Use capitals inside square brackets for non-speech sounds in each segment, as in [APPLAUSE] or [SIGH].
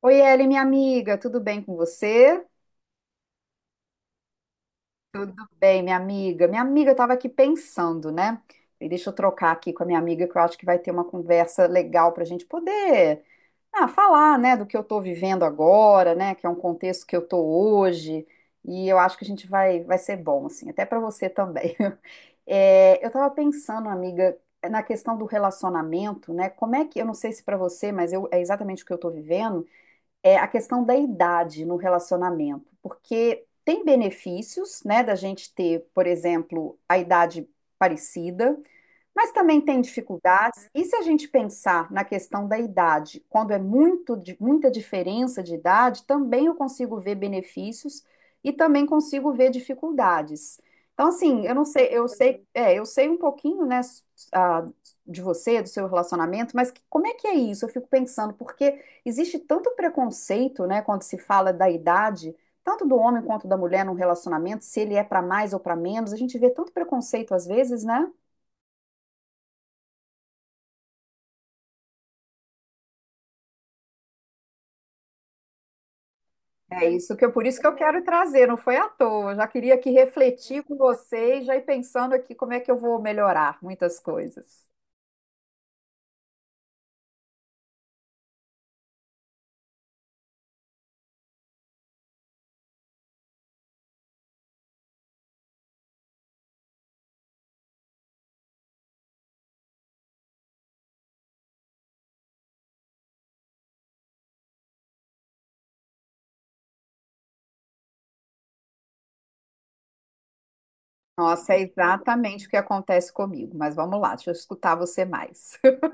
Oi, Eli, minha amiga, tudo bem com você? Tudo bem, minha amiga. Minha amiga, eu estava aqui pensando, né? E deixa eu trocar aqui com a minha amiga, que eu acho que vai ter uma conversa legal para a gente poder falar, né, do que eu estou vivendo agora, né, que é um contexto que eu estou hoje. E eu acho que a gente vai ser bom, assim, até para você também. [LAUGHS] É, eu estava pensando, amiga, na questão do relacionamento, né? Como é que, eu não sei se para você, mas eu, é exatamente o que eu estou vivendo. É a questão da idade no relacionamento, porque tem benefícios, né, da gente ter, por exemplo, a idade parecida, mas também tem dificuldades. E se a gente pensar na questão da idade, quando é muito, muita diferença de idade, também eu consigo ver benefícios e também consigo ver dificuldades. Então, assim, eu não sei, eu sei, é, eu sei um pouquinho, né, ah, de você, do seu relacionamento, mas como é que é isso? Eu fico pensando, porque existe tanto preconceito, né, quando se fala da idade, tanto do homem quanto da mulher num relacionamento, se ele é para mais ou para menos, a gente vê tanto preconceito às vezes, né? É isso que eu, por isso que eu quero trazer, não foi à toa. Eu já queria aqui refletir com vocês, já ir pensando aqui como é que eu vou melhorar muitas coisas. Nossa, é exatamente o que acontece comigo, mas vamos lá, deixa eu escutar você mais. [LAUGHS]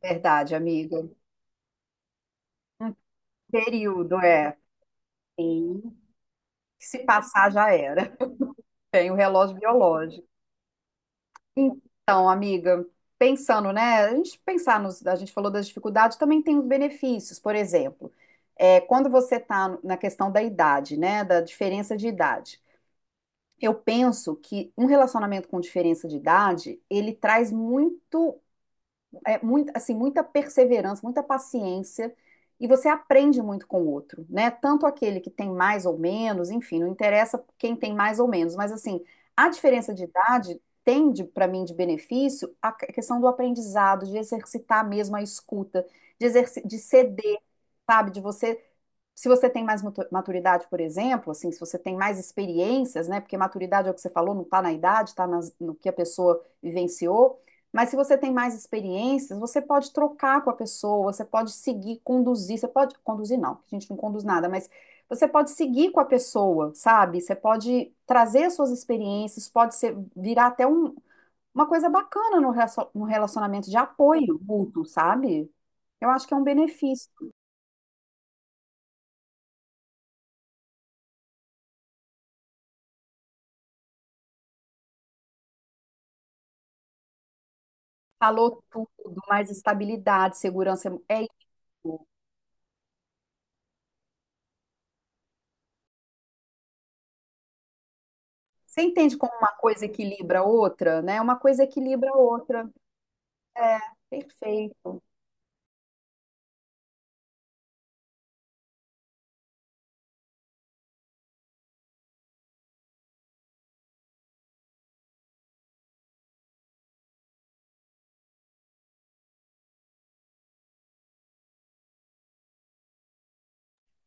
Verdade, amiga. Um período é, sim, que se passar já era. Tem o relógio biológico. Então, amiga, pensando, né? A gente pensar nos, a gente falou das dificuldades, também tem os benefícios, por exemplo, é, quando você está na questão da idade, né? Da diferença de idade. Eu penso que um relacionamento com diferença de idade, ele traz muito é, muito, assim, muita perseverança, muita paciência, e você aprende muito com o outro, né? Tanto aquele que tem mais ou menos, enfim, não interessa quem tem mais ou menos, mas assim, a diferença de idade tem para mim de benefício a questão do aprendizado, de exercitar mesmo a escuta, de, de ceder, sabe? De você, se você tem mais maturidade, por exemplo, assim, se você tem mais experiências, né? Porque maturidade é o que você falou, não está na idade, está no que a pessoa vivenciou. Mas se você tem mais experiências, você pode trocar com a pessoa, você pode seguir, conduzir, você pode conduzir não, a gente não conduz nada, mas você pode seguir com a pessoa, sabe? Você pode trazer suas experiências, pode ser virar até uma coisa bacana no no relacionamento de apoio mútuo, sabe? Eu acho que é um benefício. Falou tudo, mais estabilidade, segurança. É isso. Você entende como uma coisa equilibra a outra, né? Uma coisa equilibra a outra. É, perfeito.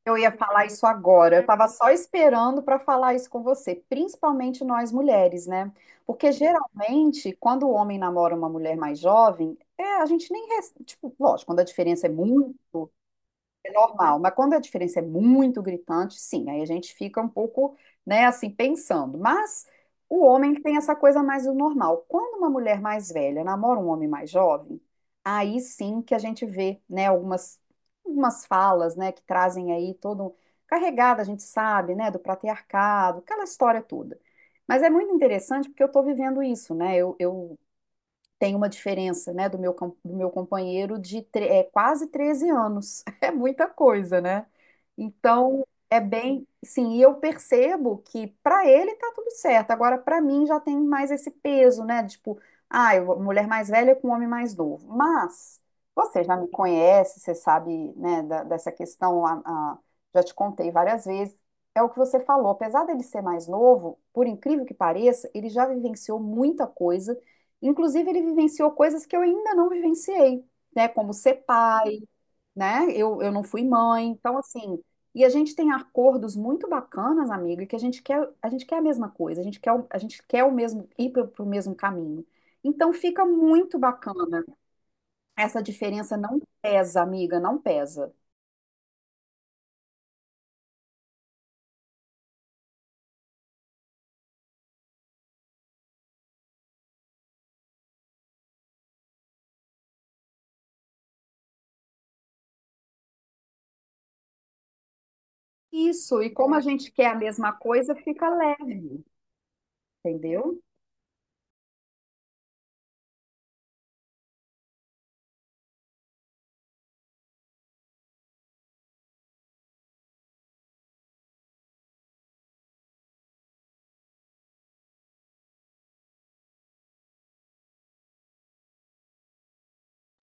Eu ia falar isso agora. Eu estava só esperando para falar isso com você, principalmente nós mulheres, né? Porque geralmente, quando o homem namora uma mulher mais jovem, é, a gente nem. Tipo, lógico, quando a diferença é muito. É normal, mas quando a diferença é muito gritante, sim, aí a gente fica um pouco, né, assim, pensando. Mas o homem que tem essa coisa mais do normal. Quando uma mulher mais velha namora um homem mais jovem, aí sim que a gente vê, né, algumas, algumas falas, né, que trazem aí todo um carregada, a gente sabe, né, do patriarcado, aquela história toda. Mas é muito interessante porque eu estou vivendo isso, né? Eu tem uma diferença, né, do meu, do meu companheiro de quase 13 anos. [LAUGHS] É muita coisa, né? Então, é bem, sim, e eu percebo que para ele tá tudo certo. Agora, para mim já tem mais esse peso, né? Tipo, ah, mulher mais velha com homem mais novo. Mas você já me conhece, você sabe, né, dessa questão, já te contei várias vezes. É o que você falou, apesar dele ser mais novo, por incrível que pareça, ele já vivenciou muita coisa. Inclusive, ele vivenciou coisas que eu ainda não vivenciei, né? Como ser pai, né? Eu não fui mãe, então assim. E a gente tem acordos muito bacanas, amiga, que a gente quer, a gente quer a mesma coisa, a gente quer, a gente quer o mesmo, ir para o mesmo caminho. Então fica muito bacana. Essa diferença não pesa, amiga, não pesa. Isso, e como a gente quer a mesma coisa, fica leve, entendeu?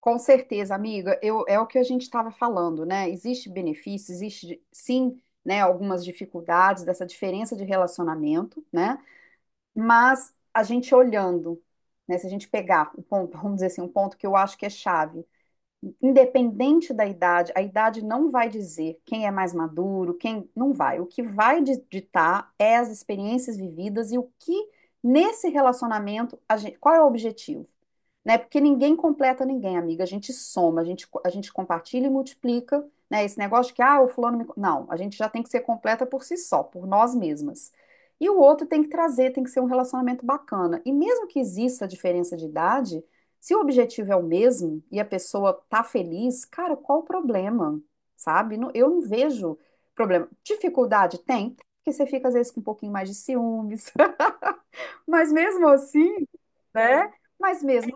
Com certeza, amiga, eu, é o que a gente estava falando, né? Existe benefício, existe sim, né, algumas dificuldades dessa diferença de relacionamento, né? Mas a gente olhando, né, se a gente pegar o ponto, [LAUGHS] vamos dizer assim, um ponto que eu acho que é chave, independente da idade, a idade não vai dizer quem é mais maduro, quem não vai. O que vai ditar é as experiências vividas e o que nesse relacionamento, qual é o objetivo? Né? Porque ninguém completa ninguém, amiga. A gente soma, a gente compartilha e multiplica, né? Esse negócio de que, ah, o fulano me. Não, a gente já tem que ser completa por si só, por nós mesmas. E o outro tem que trazer, tem que ser um relacionamento bacana. E mesmo que exista a diferença de idade, se o objetivo é o mesmo e a pessoa tá feliz, cara, qual o problema? Sabe? Eu não vejo problema. Dificuldade tem, porque você fica às vezes com um pouquinho mais de ciúmes, [LAUGHS] mas mesmo assim, né? Mas mesmo,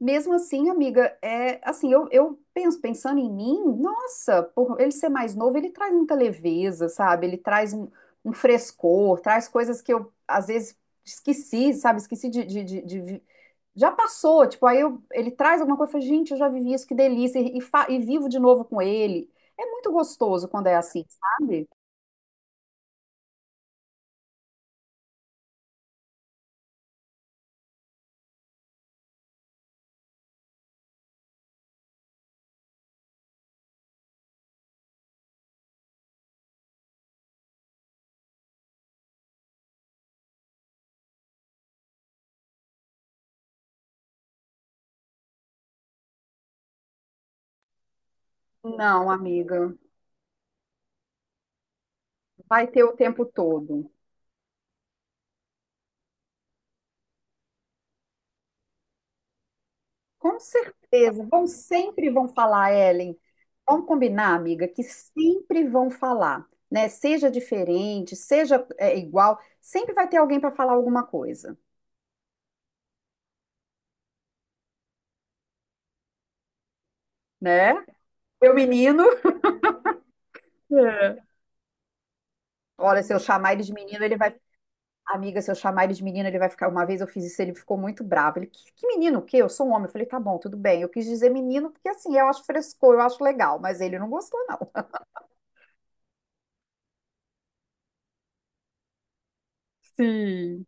mesmo assim, amiga, é assim, eu penso, pensando em mim, nossa, por ele ser mais novo, ele traz muita leveza, sabe? Ele traz um, um frescor, traz coisas que eu às vezes esqueci, sabe? Esqueci de Já passou, tipo, ele traz alguma coisa, eu falo, gente, eu já vivi isso, que delícia, e vivo de novo com ele. É muito gostoso quando é assim, sabe? Não, amiga, vai ter o tempo todo. Com certeza, vão sempre vão falar, Ellen. Vamos combinar, amiga, que sempre vão falar, né? Seja diferente, seja é, igual, sempre vai ter alguém para falar alguma coisa, né? Meu menino. É. Olha, se eu chamar ele de menino, ele vai. Amiga, se eu chamar ele de menino, ele vai ficar. Uma vez eu fiz isso, ele ficou muito bravo. Ele, que menino, o quê? Eu sou um homem. Eu falei, tá bom, tudo bem. Eu quis dizer menino porque assim, eu acho frescor, eu acho legal, mas ele não gostou, não. Sim,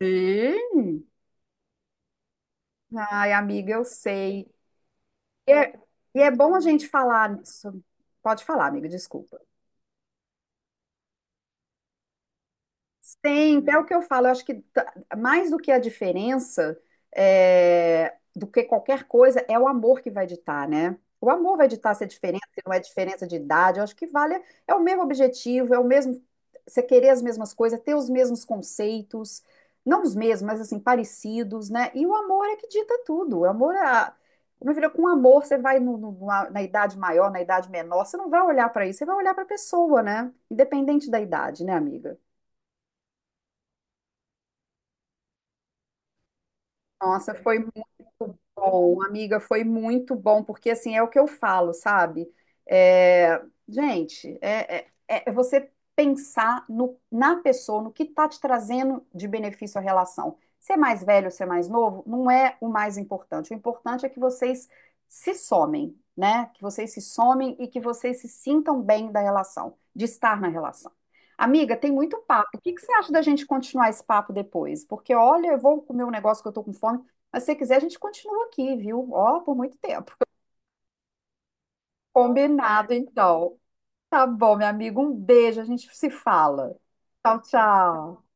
sim. Ai, amiga, eu sei. E é, e é bom a gente falar sobre. Pode falar, amiga, desculpa. Sempre, é o que eu falo, eu acho que mais do que a diferença, é, do que qualquer coisa, é o amor que vai ditar, né? O amor vai ditar se é diferença, se não é diferença de idade, eu acho que vale, é o mesmo objetivo, é o mesmo, você querer as mesmas coisas, ter os mesmos conceitos, não os mesmos, mas assim, parecidos, né? E o amor é que dita tudo, o amor é, meu filho, com amor você vai na idade maior, na idade menor, você não vai olhar para isso, você vai olhar para a pessoa, né? Independente da idade, né, amiga? Nossa, foi muito bom, amiga, foi muito bom, porque assim é o que eu falo, sabe? É, gente, é você pensar na pessoa, no que está te trazendo de benefício à relação. Ser mais velho, ser mais novo, não é o mais importante. O importante é que vocês se somem, né? Que vocês se somem e que vocês se sintam bem da relação, de estar na relação. Amiga, tem muito papo. O que que você acha da gente continuar esse papo depois? Porque, olha, eu vou comer um negócio que eu tô com fome, mas se você quiser, a gente continua aqui, viu? Ó, por muito tempo. Combinado, então. Tá bom, meu amigo. Um beijo, a gente se fala. Tchau, tchau.